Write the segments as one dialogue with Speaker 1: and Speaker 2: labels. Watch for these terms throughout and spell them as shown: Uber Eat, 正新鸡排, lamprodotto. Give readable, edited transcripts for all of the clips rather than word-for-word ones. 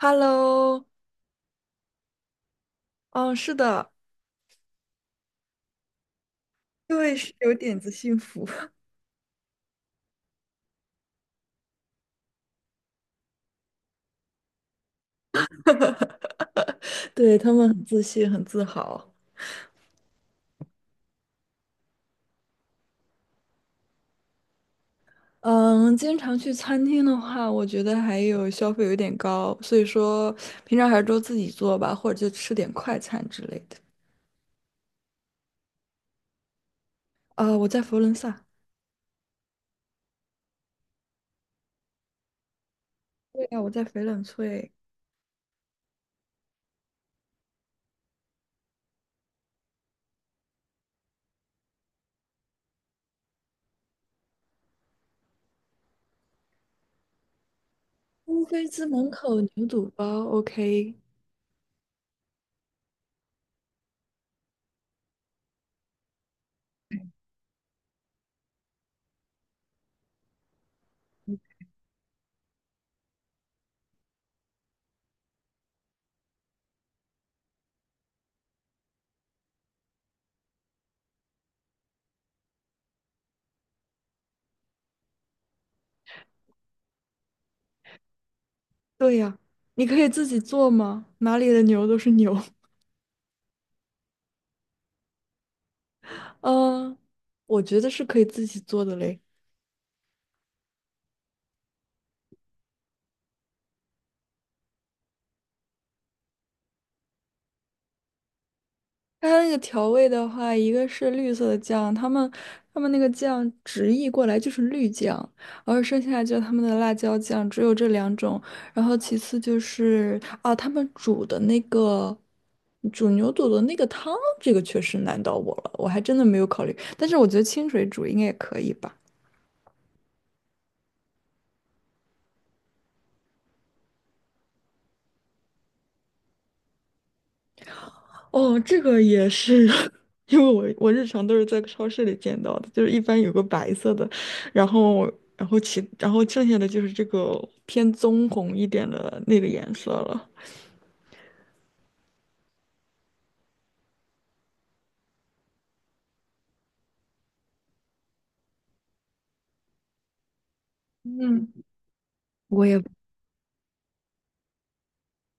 Speaker 1: Hello，嗯，是的，因为是有点子幸福，对，他们很自信，很自豪。嗯，经常去餐厅的话，我觉得还有消费有点高，所以说平常还是都自己做吧，或者就吃点快餐之类的。我在佛罗伦萨。对呀，我在翡冷翠。乌菲兹门口牛肚包，OK。对呀，你可以自己做吗？哪里的牛都是牛，嗯，我觉得是可以自己做的嘞。它那个调味的话，一个是绿色的酱，他们那个酱直译过来就是绿酱，然后剩下就是他们的辣椒酱，只有这两种。然后其次就是啊，他们煮的那个煮牛肚的那个汤，这个确实难到我了，我还真的没有考虑。但是我觉得清水煮应该也可以吧。哦，这个也是，因为我日常都是在超市里见到的，就是一般有个白色的，然后然后其然后剩下的就是这个偏棕红一点的那个颜色了。嗯，我也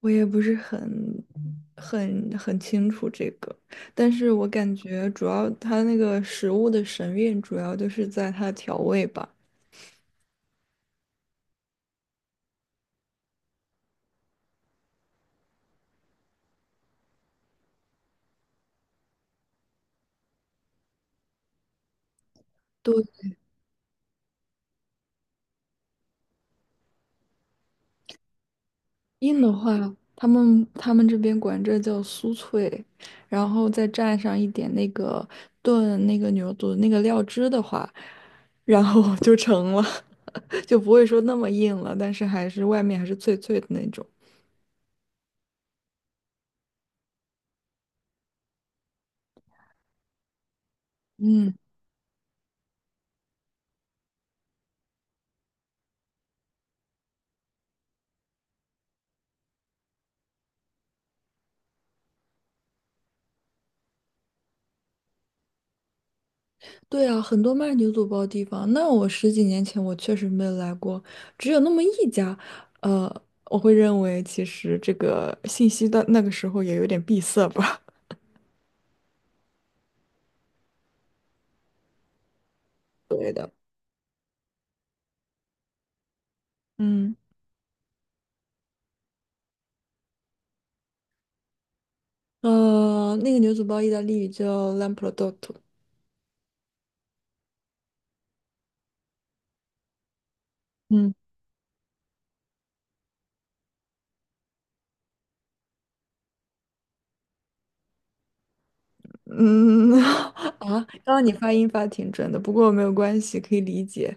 Speaker 1: 我也不是很很清楚这个，但是我感觉主要它那个食物的神韵主要就是在它的调味吧。硬的话，他们这边管这叫酥脆，然后再蘸上一点那个炖那个牛肚那个料汁的话，然后 就成了，就不会说那么硬了，但是外面还是脆脆的那种。嗯，对啊，很多卖牛肚包地方，那我十几年前我确实没有来过，只有那么一家。呃，我会认为其实这个信息的那个时候也有点闭塞吧。对的，嗯。那个牛肚包意大利语叫 lamprodotto。嗯，嗯 啊，刚刚你发音发挺准的，不过没有关系，可以理解。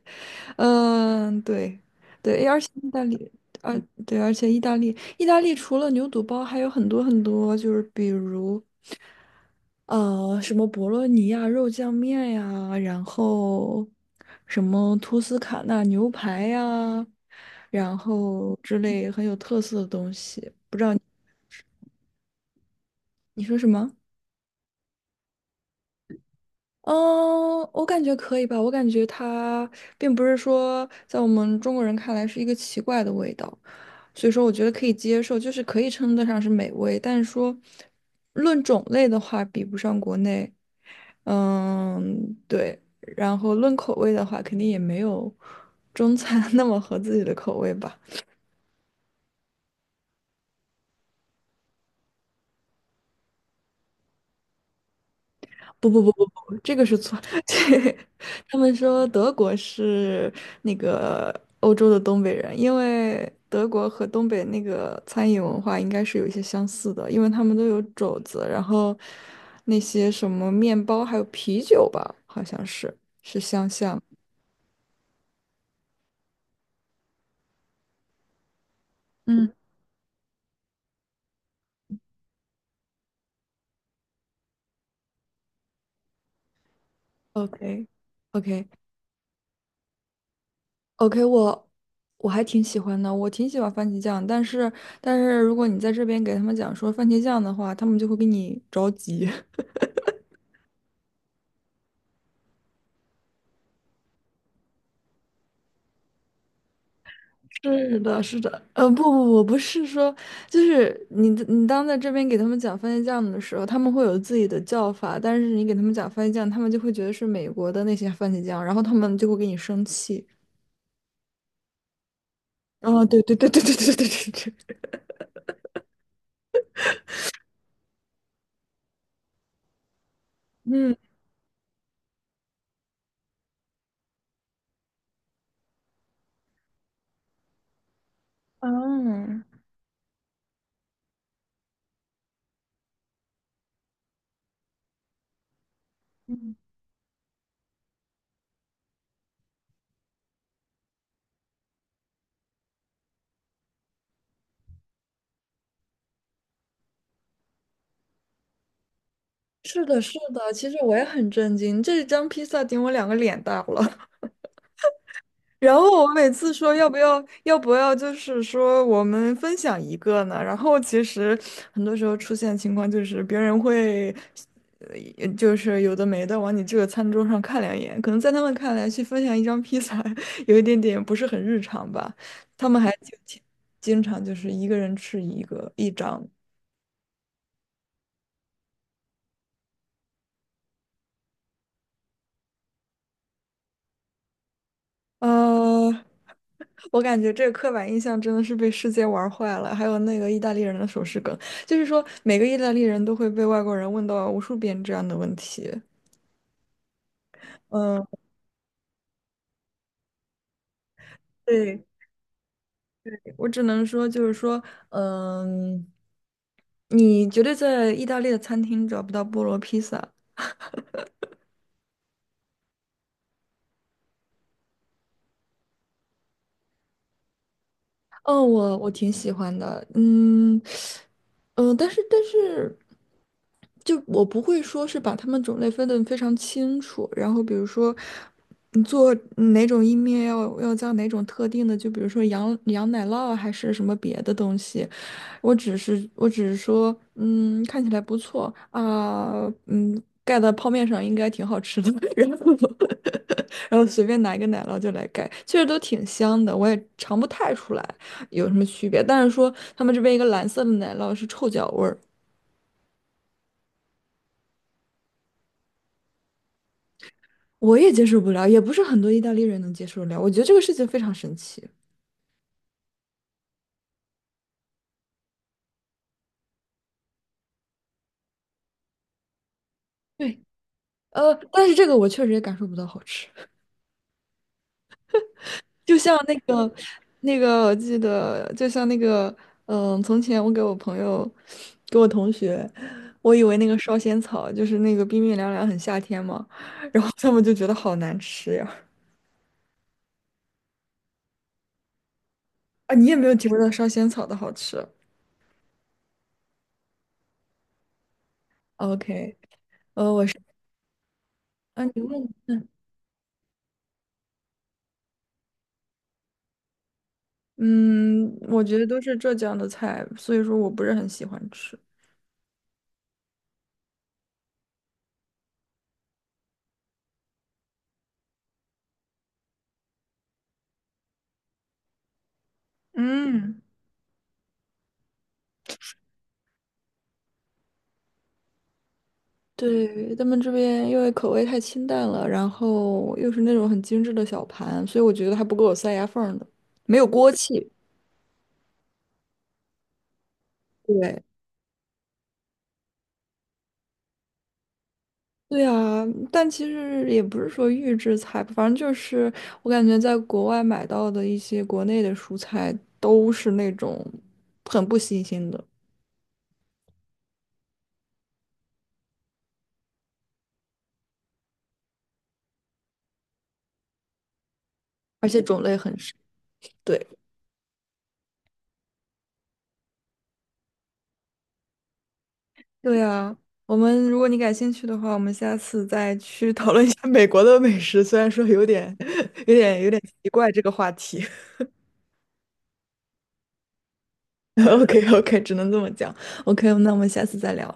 Speaker 1: 嗯，对，对，而且意大利，而对，而且意大利，意大利除了牛肚包，还有很多很多，就是比如什么博洛尼亚肉酱面呀，然后什么托斯卡纳牛排呀，然后之类很有特色的东西。你说什么？嗯，我感觉可以吧。我感觉它并不是说在我们中国人看来是一个奇怪的味道，所以说我觉得可以接受，就是可以称得上是美味。但是说论种类的话，比不上国内。嗯，对。然后论口味的话，肯定也没有中餐 那么合自己的口味吧。不不不不不，这个是错。对，他们说德国是那个欧洲的东北人，因为德国和东北那个餐饮文化应该是有一些相似的，因为他们都有肘子，然后那些什么面包还有啤酒吧，好像是是相像。嗯，OK OK OK，我还挺喜欢的，我挺喜欢番茄酱，但是如果你在这边给他们讲说番茄酱的话，他们就会给你着急。是的，是的，不是说，就是你当在这边给他们讲番茄酱的时候，他们会有自己的叫法，但是你给他们讲番茄酱，他们就会觉得是美国的那些番茄酱，然后他们就会给你生气。对对对对对对对对对，嗯嗯，是的，是的，其实我也很震惊，这一张披萨顶我两个脸大了。然后我每次说要不要就是说我们分享一个呢？然后其实很多时候出现情况就是别人会，就是有的没的往你这个餐桌上看两眼，可能在他们看来去分享一张披萨 有一点点不是很日常吧，他们还就经常就是一个人吃一张呃，我感觉这个刻板印象真的是被世界玩坏了，还有那个意大利人的手势梗，就是说每个意大利人都会被外国人问到无数遍这样的问题。嗯，对，我只能说就是说，嗯，你绝对在意大利的餐厅找不到菠萝披萨。嗯，我挺喜欢的。嗯，嗯，但是就我不会说是把它们种类分得非常清楚，然后比如说，你做哪种意面要加哪种特定的，就比如说羊奶酪啊还是什么别的东西，我只是说，嗯，看起来不错啊。嗯，盖在泡面上应该挺好吃的，然后 然后随便拿一个奶酪就来盖，确实都挺香的，我也尝不太出来有什么区别。但是说他们这边一个蓝色的奶酪是臭脚味儿。我也接受不了，也不是很多意大利人能接受得了。我觉得这个事情非常神奇。对，但是这个我确实也感受不到好吃，就像那个我记得就像那个，从前我给我朋友，给我同学，我以为那个烧仙草就是那个冰冰凉凉很夏天嘛，然后他们就觉得好难吃呀。啊，你也没有体会到烧仙草的好吃。OK。呃，我是啊，你问。嗯，我觉得都是浙江的菜，所以说我不是很喜欢吃。嗯，对，他们这边因为口味太清淡了，然后又是那种很精致的小盘，所以我觉得还不够我塞牙缝儿的，没有锅气。对，对啊，但其实也不是说预制菜吧，反正就是我感觉在国外买到的一些国内的蔬菜都是那种很不新鲜的，而且种类很少。对。对呀，我们如果你感兴趣的话，我们下次再去讨论一下 美国的美食。虽然说有点、有点、有点奇怪这个话题。OK OK，只能这么讲。OK，那我们下次再聊。